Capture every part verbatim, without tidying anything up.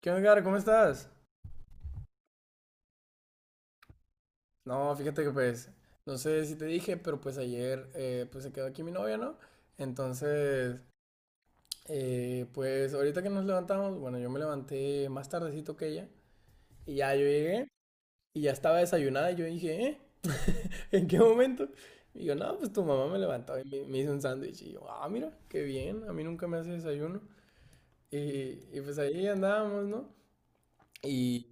¿Qué onda, Edgar? ¿Cómo estás? No, fíjate que pues, no sé si te dije, pero pues ayer eh, pues se quedó aquí mi novia, ¿no? Entonces, eh, pues ahorita que nos levantamos, bueno, yo me levanté más tardecito que ella y ya yo llegué y ya estaba desayunada y yo dije, ¿eh? ¿En qué momento? Y yo, no, pues tu mamá me levantó y me, me hizo un sándwich y yo, ah, mira, qué bien, a mí nunca me hace desayuno. Y, y pues ahí andábamos, ¿no? Y,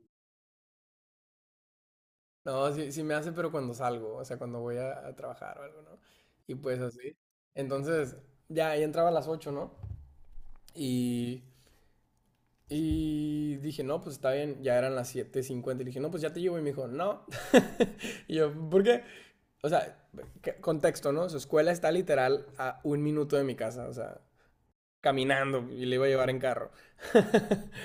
No, sí, sí me hace, pero cuando salgo, o sea, cuando voy a, a trabajar o algo, ¿no? Y pues así. Entonces, ya, ya entraba a las ocho, ¿no? Y, y dije, no, pues está bien, ya eran las siete cincuenta. Y le dije, no, pues ya te llevo. Y me dijo, no. Y yo, ¿por qué? O sea, que- contexto, ¿no? Su escuela está literal a un minuto de mi casa, o sea, caminando y le iba a llevar en carro.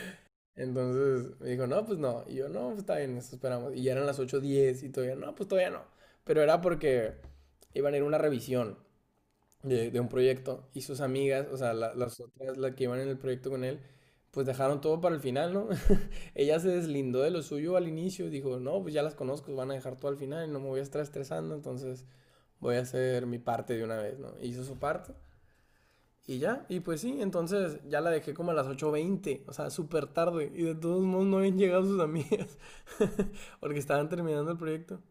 Entonces me dijo, no, pues no. Y yo, no, pues está bien, nos esperamos. Y ya eran las ocho diez y todavía, no, pues todavía no. Pero era porque iban a ir a una revisión de, de un proyecto y sus amigas, o sea, la- las otras, las que iban en el proyecto con él, pues dejaron todo para el final, ¿no? Ella se deslindó de lo suyo al inicio, dijo, no, pues ya las conozco, van a dejar todo al final, y no me voy a estar estresando, entonces voy a hacer mi parte de una vez, ¿no? Hizo su parte y ya, y pues sí, entonces ya la dejé como a las ocho veinte, o sea, súper tarde. Y de todos modos no habían llegado sus amigas, porque estaban terminando el proyecto.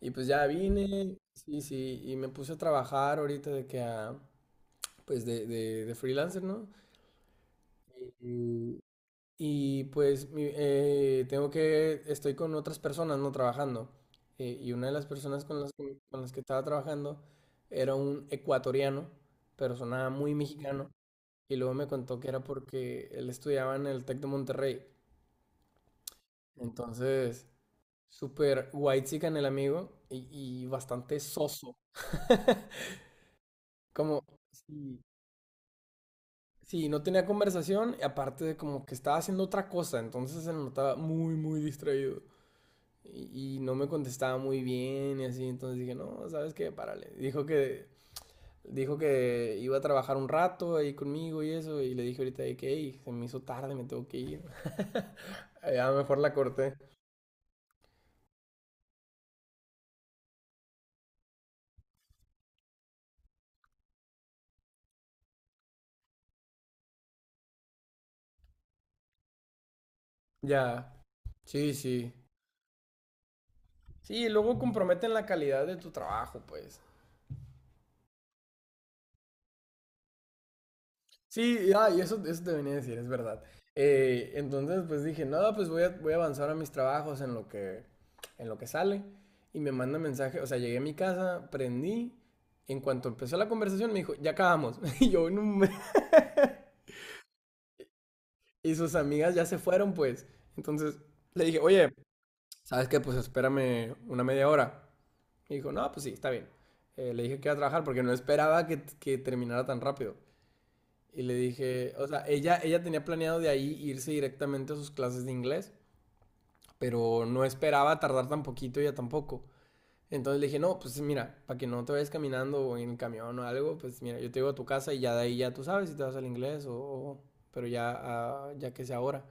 Y pues ya vine, sí, sí, y me puse a trabajar ahorita de que a, pues de, de, de freelancer, ¿no? Y, Y pues, mi- eh, tengo que, estoy con otras personas no trabajando. eh, y una de las personas con las que, con las que estaba trabajando era un ecuatoriano, pero sonaba muy mexicano. Y luego me contó que era porque él estudiaba en el Tec de Monterrey. Entonces, súper en el amigo y, y bastante soso. Como, sí, sí, no tenía conversación y aparte de como que estaba haciendo otra cosa, entonces se notaba muy, muy distraído. y, y no me contestaba muy bien y así, entonces dije, no, ¿sabes qué? Párale. Dijo que, dijo que iba a trabajar un rato ahí conmigo y eso, y le dije ahorita de que, "Ey, se me hizo tarde, me tengo que ir." Ya mejor la corté. Ya, sí, sí. Sí, luego comprometen la calidad de tu trabajo, pues. Sí, ah, y eso, eso te venía a decir, es verdad. Eh, entonces, pues dije, nada, pues voy a, voy a avanzar a mis trabajos en lo que, en lo que sale. Y me manda mensaje, o sea, llegué a mi casa, prendí. En cuanto empezó la conversación, me dijo, ya acabamos. Y yo, no, me- y sus amigas ya se fueron, pues. Entonces, le dije, oye, ¿sabes qué? Pues espérame una media hora. Me dijo, no, pues sí, está bien. Eh, le dije que iba a trabajar porque no esperaba que, que terminara tan rápido. Y le dije, o sea, ella, ella tenía planeado de ahí irse directamente a sus clases de inglés, pero no esperaba tardar tan poquito ella tampoco. Entonces le dije, no, pues mira, para que no te vayas caminando o en el camión o algo, pues mira, yo te llevo a tu casa y ya de ahí ya tú sabes si te vas al inglés o, o- pero ya, ah, ya que sea ahora.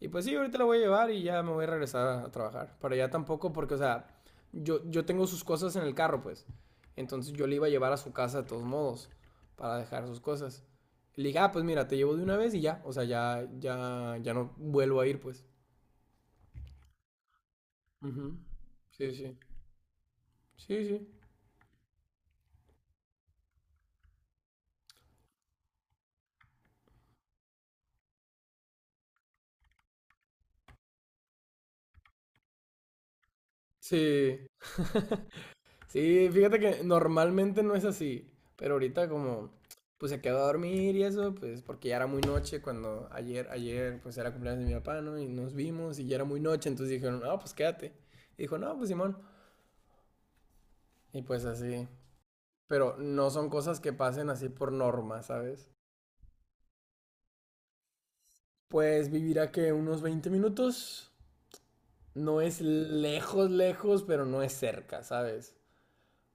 Y pues sí, ahorita la voy a llevar y ya me voy a regresar a, a trabajar. Para allá tampoco, porque, o sea, yo, yo tengo sus cosas en el carro, pues. Entonces yo le iba a llevar a su casa de todos modos, para dejar sus cosas. Y le dije, ah, pues mira, te llevo de una vez y ya. O sea, ya, ya, ya no vuelvo a ir, pues. Ujú. Sí, sí. Sí, sí. Sí. Sí, fíjate que normalmente no es así, pero ahorita como pues se quedó a dormir y eso, pues porque ya era muy noche cuando ayer, ayer pues era cumpleaños de mi papá, ¿no? Y nos vimos y ya era muy noche, entonces dijeron, no, pues quédate. Y dijo, no, pues Simón. Y pues así. Pero no son cosas que pasen así por norma, ¿sabes? Pues vivir a que unos veinte minutos no es lejos, lejos, pero no es cerca, ¿sabes?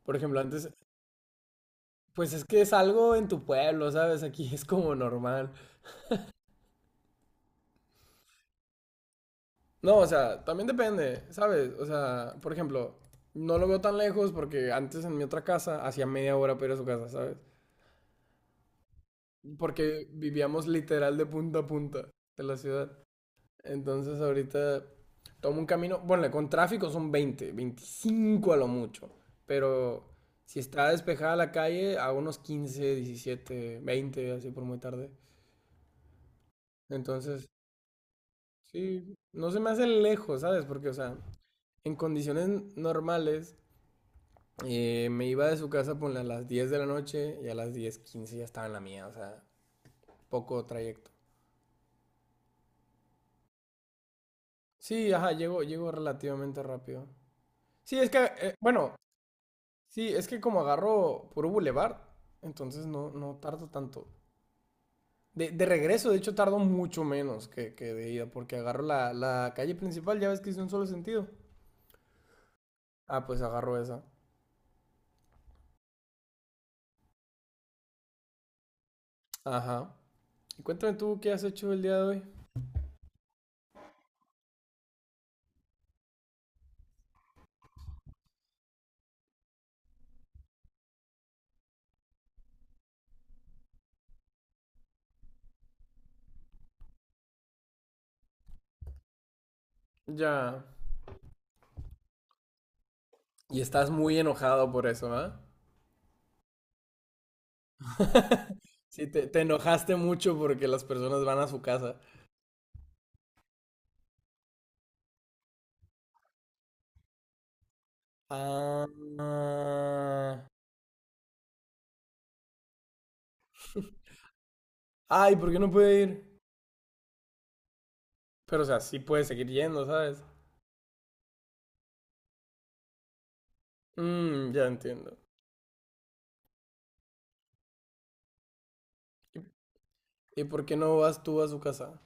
Por ejemplo, antes, pues es que es algo en tu pueblo, ¿sabes? Aquí es como normal. No, o sea, también depende, ¿sabes? O sea, por ejemplo, no lo veo tan lejos porque antes en mi otra casa hacía media hora para ir a su casa, ¿sabes? Porque vivíamos literal de punta a punta de la ciudad. Entonces ahorita tomo un camino, bueno, con tráfico son veinte a veinticinco a lo mucho, pero si está despejada la calle, a unos quince, diecisiete, veinte así por muy tarde. Entonces, sí, no se me hace lejos, ¿sabes? Porque, o sea, en condiciones normales, Eh, me iba de su casa ponle, a las diez de la noche y a las diez quince ya estaba en la mía, o sea, poco trayecto. Sí, ajá, llego, llego relativamente rápido. Sí, es que, eh, bueno, sí, es que como agarro puro bulevar entonces no, no tardo tanto. De, de regreso, de hecho, tardo mucho menos que, que de ida, porque agarro la, la calle principal, ya ves que es de un solo sentido. Ah, pues agarro esa. Ajá. Y cuéntame tú qué has hecho el día de hoy. Ya. Y estás muy enojado por eso, ¿ah? Sí, te, te enojaste mucho porque las personas van a su casa. Ah, ah. Ay, ¿por qué no puede ir? Pero, o sea, sí puede seguir yendo, ¿sabes? Mmm, ya entiendo. ¿Y, y por qué no vas tú a su casa?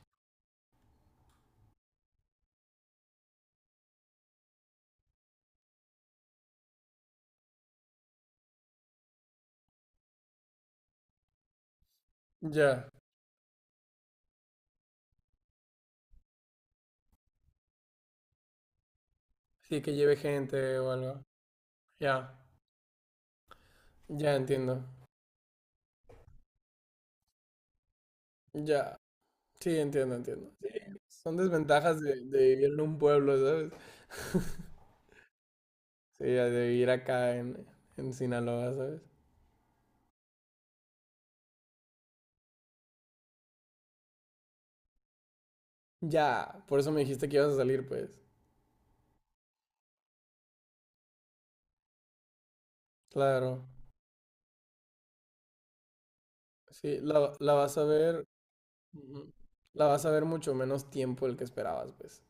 Ya. Sí, que lleve gente o algo. Ya, ya entiendo. Ya. Sí, entiendo, entiendo. Sí, son desventajas de, de vivir en un pueblo, ¿sabes? Sí, de vivir acá en, en Sinaloa, ¿sabes? Ya, por eso me dijiste que ibas a salir, pues. Claro. Sí, la, la vas a ver. Ujú. La vas a ver mucho menos tiempo del que esperabas, pues.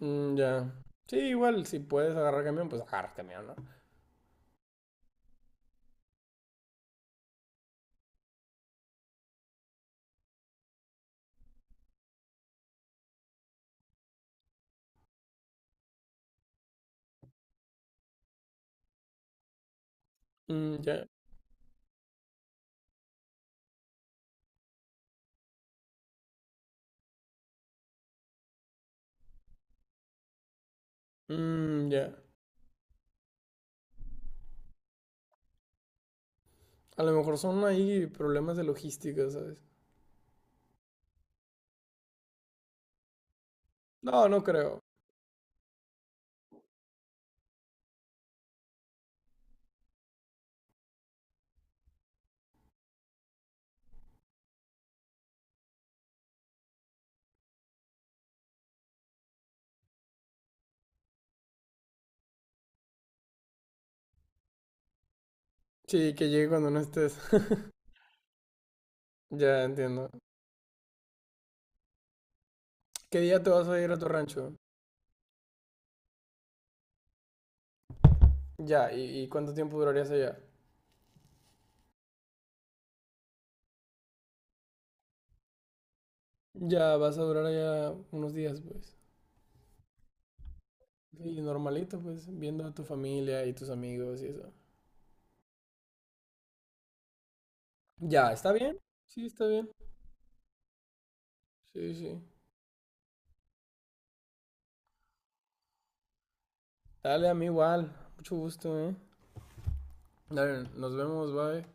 Mm, ya. Sí, igual, si puedes agarrar camión, pues agarra camión, ¿no? Mm, ya. Mm, ya. A lo mejor son ahí problemas de logística, ¿sabes? No, no creo. Sí, que llegue cuando no estés. Ya, entiendo. ¿Qué día te vas a ir a tu rancho? Ya, ¿y, y cuánto tiempo durarías allá? Ya, vas a durar allá unos días, pues. Y normalito, pues, viendo a tu familia y tus amigos y eso. Ya, ¿está bien? Sí, está bien. Sí, sí. Dale, a mí igual. Mucho gusto, ¿eh? Dale, nos vemos, bye.